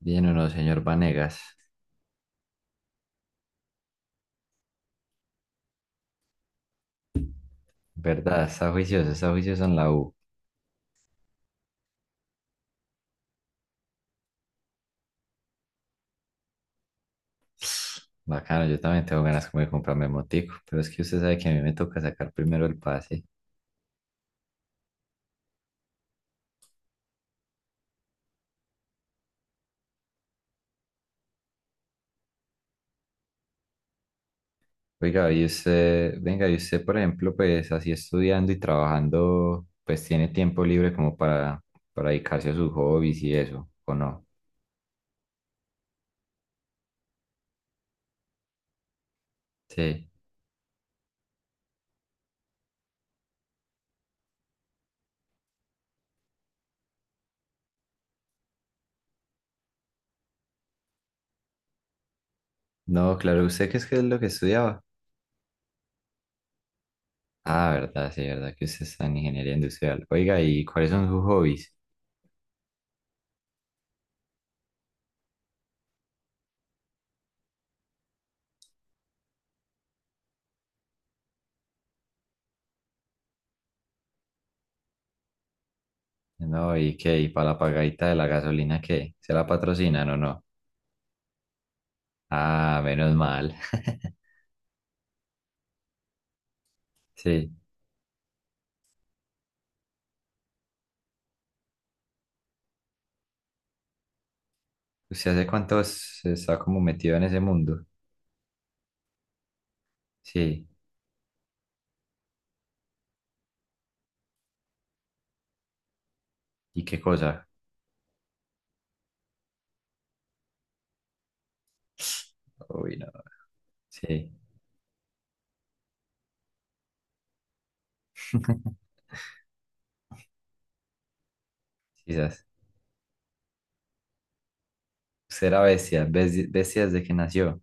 Bien o no, señor Vanegas. ¿Verdad? Está juicioso en la U. Bacano, yo también tengo ganas como de comprarme motico, pero es que usted sabe que a mí me toca sacar primero el pase. Oiga, y usted, venga, y usted, por ejemplo, pues así estudiando y trabajando, pues tiene tiempo libre como para dedicarse a sus hobbies y eso, ¿o no? Sí. No, claro, ¿usted qué es lo que estudiaba? Ah, verdad, sí, verdad que usted está en ingeniería industrial. Oiga, ¿y cuáles son sus hobbies? No, ¿y qué? ¿Y para la pagadita de la gasolina qué? ¿Se la patrocinan o no? Ah, menos mal. Sí. ¿Usted hace cuánto se está como metido en ese mundo? Sí. ¿Y qué cosa? Uy, no. Sí. Quizás. Usted era bestia, bestia desde que nació.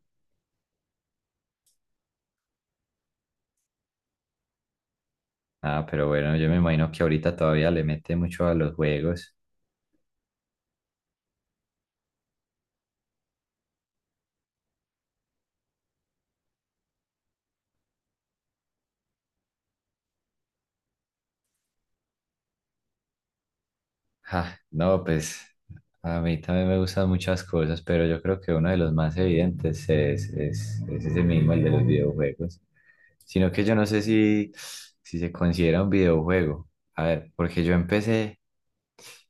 Ah, pero bueno, yo me imagino que ahorita todavía le mete mucho a los juegos. Ja, no, pues a mí también me gustan muchas cosas, pero yo creo que uno de los más evidentes es ese mismo, el de los videojuegos. Sino que yo no sé si se considera un videojuego. A ver, porque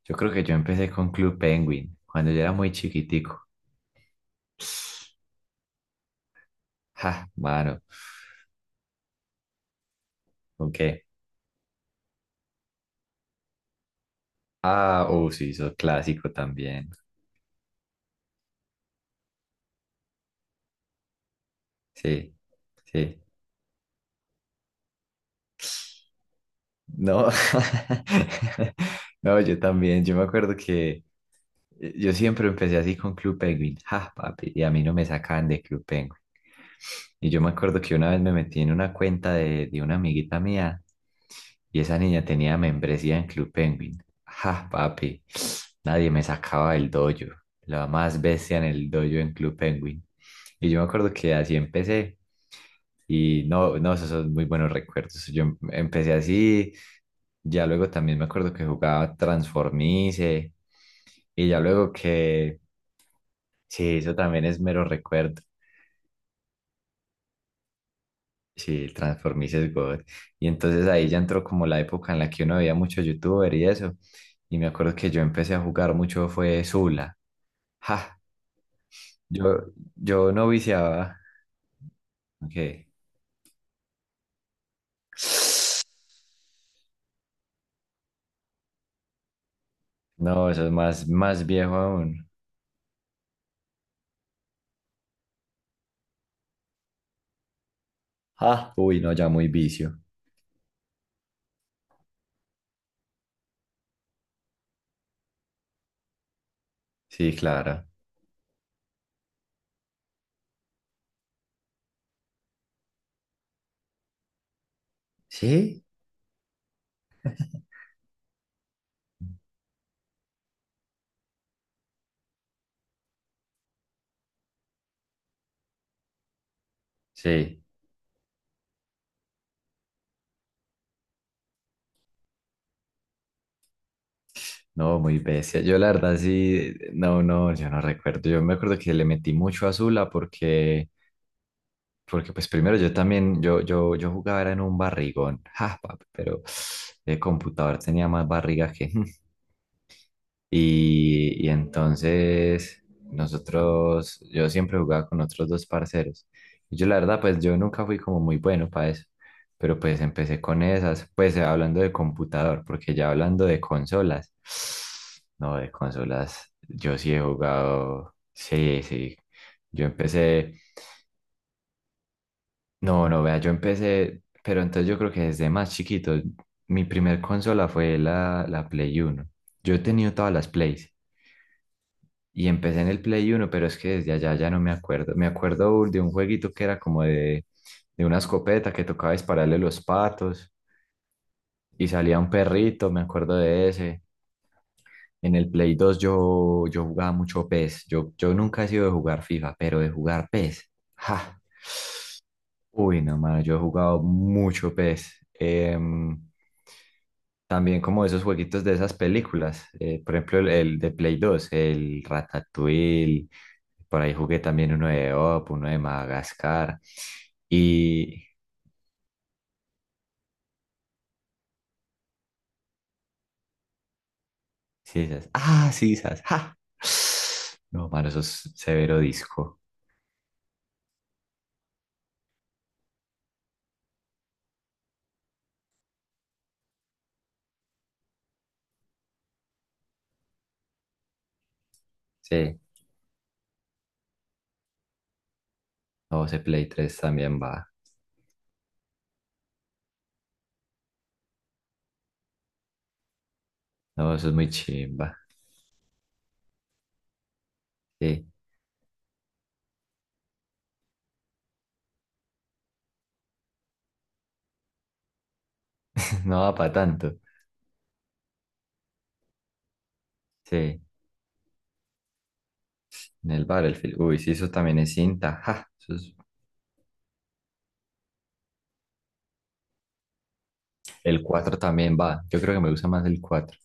yo creo que yo empecé con Club Penguin, cuando yo era muy chiquitico. Ja, mano, ¿con qué? Ah, oh, sí, eso clásico también. Sí, sí. No, no, yo también, yo me acuerdo que yo siempre empecé así con Club Penguin, ja, papi, y a mí no me sacaban de Club Penguin. Y yo me acuerdo que una vez me metí en una cuenta de una amiguita mía y esa niña tenía membresía en Club Penguin. Ja, papi, nadie me sacaba del dojo, la más bestia en el dojo en Club Penguin. Y yo me acuerdo que así empecé y no, no, esos son muy buenos recuerdos. Yo empecé así, ya luego también me acuerdo que jugaba Transformice y ya luego que sí, eso también es mero recuerdo. Sí, el Transformice es God. Y entonces ahí ya entró como la época en la que uno veía mucho youtuber y eso. Y me acuerdo que yo empecé a jugar mucho fue Zula. Ja, yo no viciaba. Ok. No, eso es más, más viejo aún. Ah, uy, no, ya muy vicio. Sí, claro. ¿Sí? Sí. No, muy bestia. Yo la verdad sí, no, no, yo no recuerdo. Yo me acuerdo que le metí mucho a Zula porque pues primero yo también, yo jugaba era en un barrigón, ja, papi, pero el computador tenía más barriga que… Y entonces nosotros, yo siempre jugaba con otros dos parceros. Y yo la verdad, pues yo nunca fui como muy bueno para eso, pero pues empecé con esas, pues hablando de computador, porque ya hablando de consolas, no, de consolas, yo sí he jugado, sí, sí, yo empecé, no, no, vea, yo empecé, pero entonces yo creo que desde más chiquito, mi primer consola fue la Play 1. Yo he tenido todas las Plays. Y empecé en el Play 1, pero es que desde allá ya no me acuerdo. Me acuerdo de un jueguito que era como de una escopeta que tocaba dispararle los patos y salía un perrito, me acuerdo de ese. En el Play 2 yo jugaba mucho PES. Yo nunca he sido de jugar FIFA, pero de jugar PES. ¡Ja! Uy, no, mano, yo he jugado mucho PES. También como esos jueguitos de esas películas, por ejemplo, el de Play 2 el Ratatouille. Por ahí jugué también uno de Madagascar. Y. Sí, esas. Ah, sí, esas. ¡Ja! No, mano, eso es severo disco. Sí. No, ese Play 3 también va. No, eso es muy chimba. Sí. No va para tanto. Sí. En el Battlefield. Uy, sí, eso también es cinta. ¡Ja! El cuatro también va. Yo creo que me gusta más el cuatro.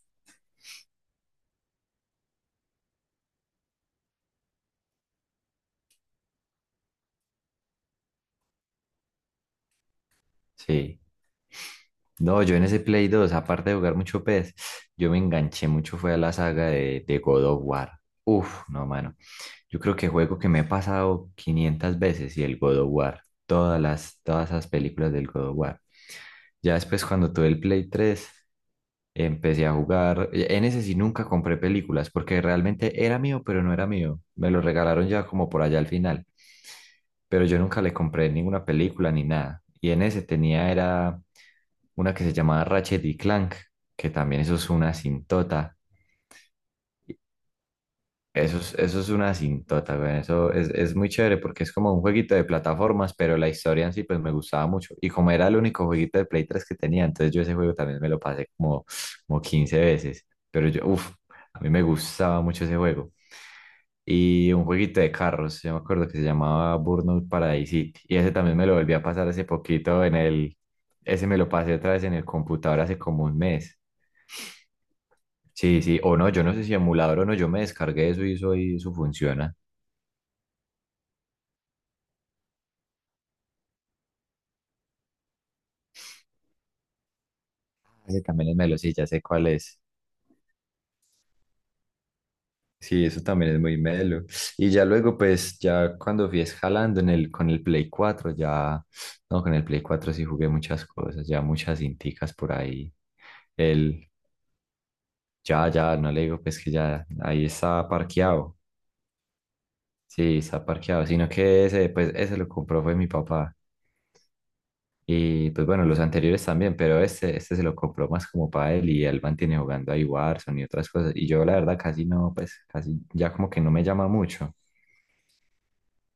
Sí. No, yo en ese Play 2 aparte de jugar mucho PES, yo me enganché mucho, fue a la saga de God of War. Uf, no, mano. Yo creo que juego que me he pasado 500 veces y el God of War, todas esas películas del God of War. Ya después cuando tuve el Play 3, empecé a jugar, en ese sí nunca compré películas porque realmente era mío, pero no era mío. Me lo regalaron ya como por allá al final, pero yo nunca le compré ninguna película ni nada. Y en ese tenía era una que se llamaba Ratchet y Clank, que también eso es una sintota. Eso es una cintota, güey. Eso es muy chévere porque es como un jueguito de plataformas, pero la historia en sí pues me gustaba mucho. Y como era el único jueguito de Play 3 que tenía, entonces yo ese juego también me lo pasé como 15 veces. Pero yo, uff, a mí me gustaba mucho ese juego. Y un jueguito de carros, yo me acuerdo que se llamaba Burnout Paradise City. Y ese también me lo volví a pasar hace poquito en el… Ese me lo pasé otra vez en el computador hace como un mes. Sí, sí, o no, yo no sé si emulador o no, yo me descargué eso y eso, y eso funciona. Ese también es melo, sí, ya sé cuál es. Sí, eso también es muy melo. Y ya luego, pues, ya cuando fui escalando en con el Play 4 ya, no, con el Play 4 sí jugué muchas cosas, ya muchas cinticas por ahí. El, ya, ya, no le digo, pues, que ya, ahí está parqueado. Sí, está parqueado, sino que ese, pues, ese lo compró fue mi papá. Y pues bueno, los anteriores también, pero este se lo compró más como para él y él mantiene jugando ahí Warzone y otras cosas. Y yo la verdad casi no, pues casi ya como que no me llama mucho.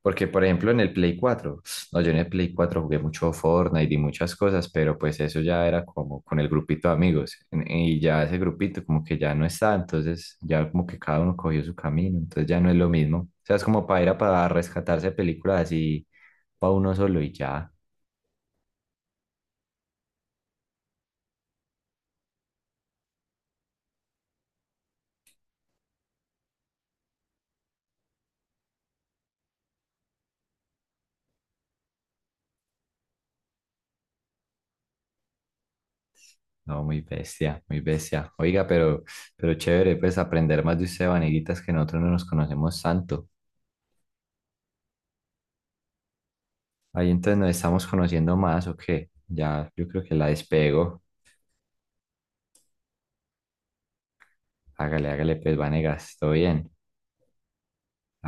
Porque por ejemplo en el Play 4 no, yo en el Play 4 jugué mucho Fortnite y muchas cosas, pero pues eso ya era como con el grupito de amigos. Y ya ese grupito como que ya no está, entonces ya como que cada uno cogió su camino, entonces ya no es lo mismo. O sea, es como para ir a para rescatarse películas así para uno solo y ya. No, muy bestia, muy bestia. Oiga, pero chévere, pues aprender más de usted, Vaneguitas, que nosotros no nos conocemos tanto. Ahí entonces nos estamos conociendo más, ¿o qué? Ya, yo creo que la despego. Hágale, hágale, pues, Vanegas, todo bien.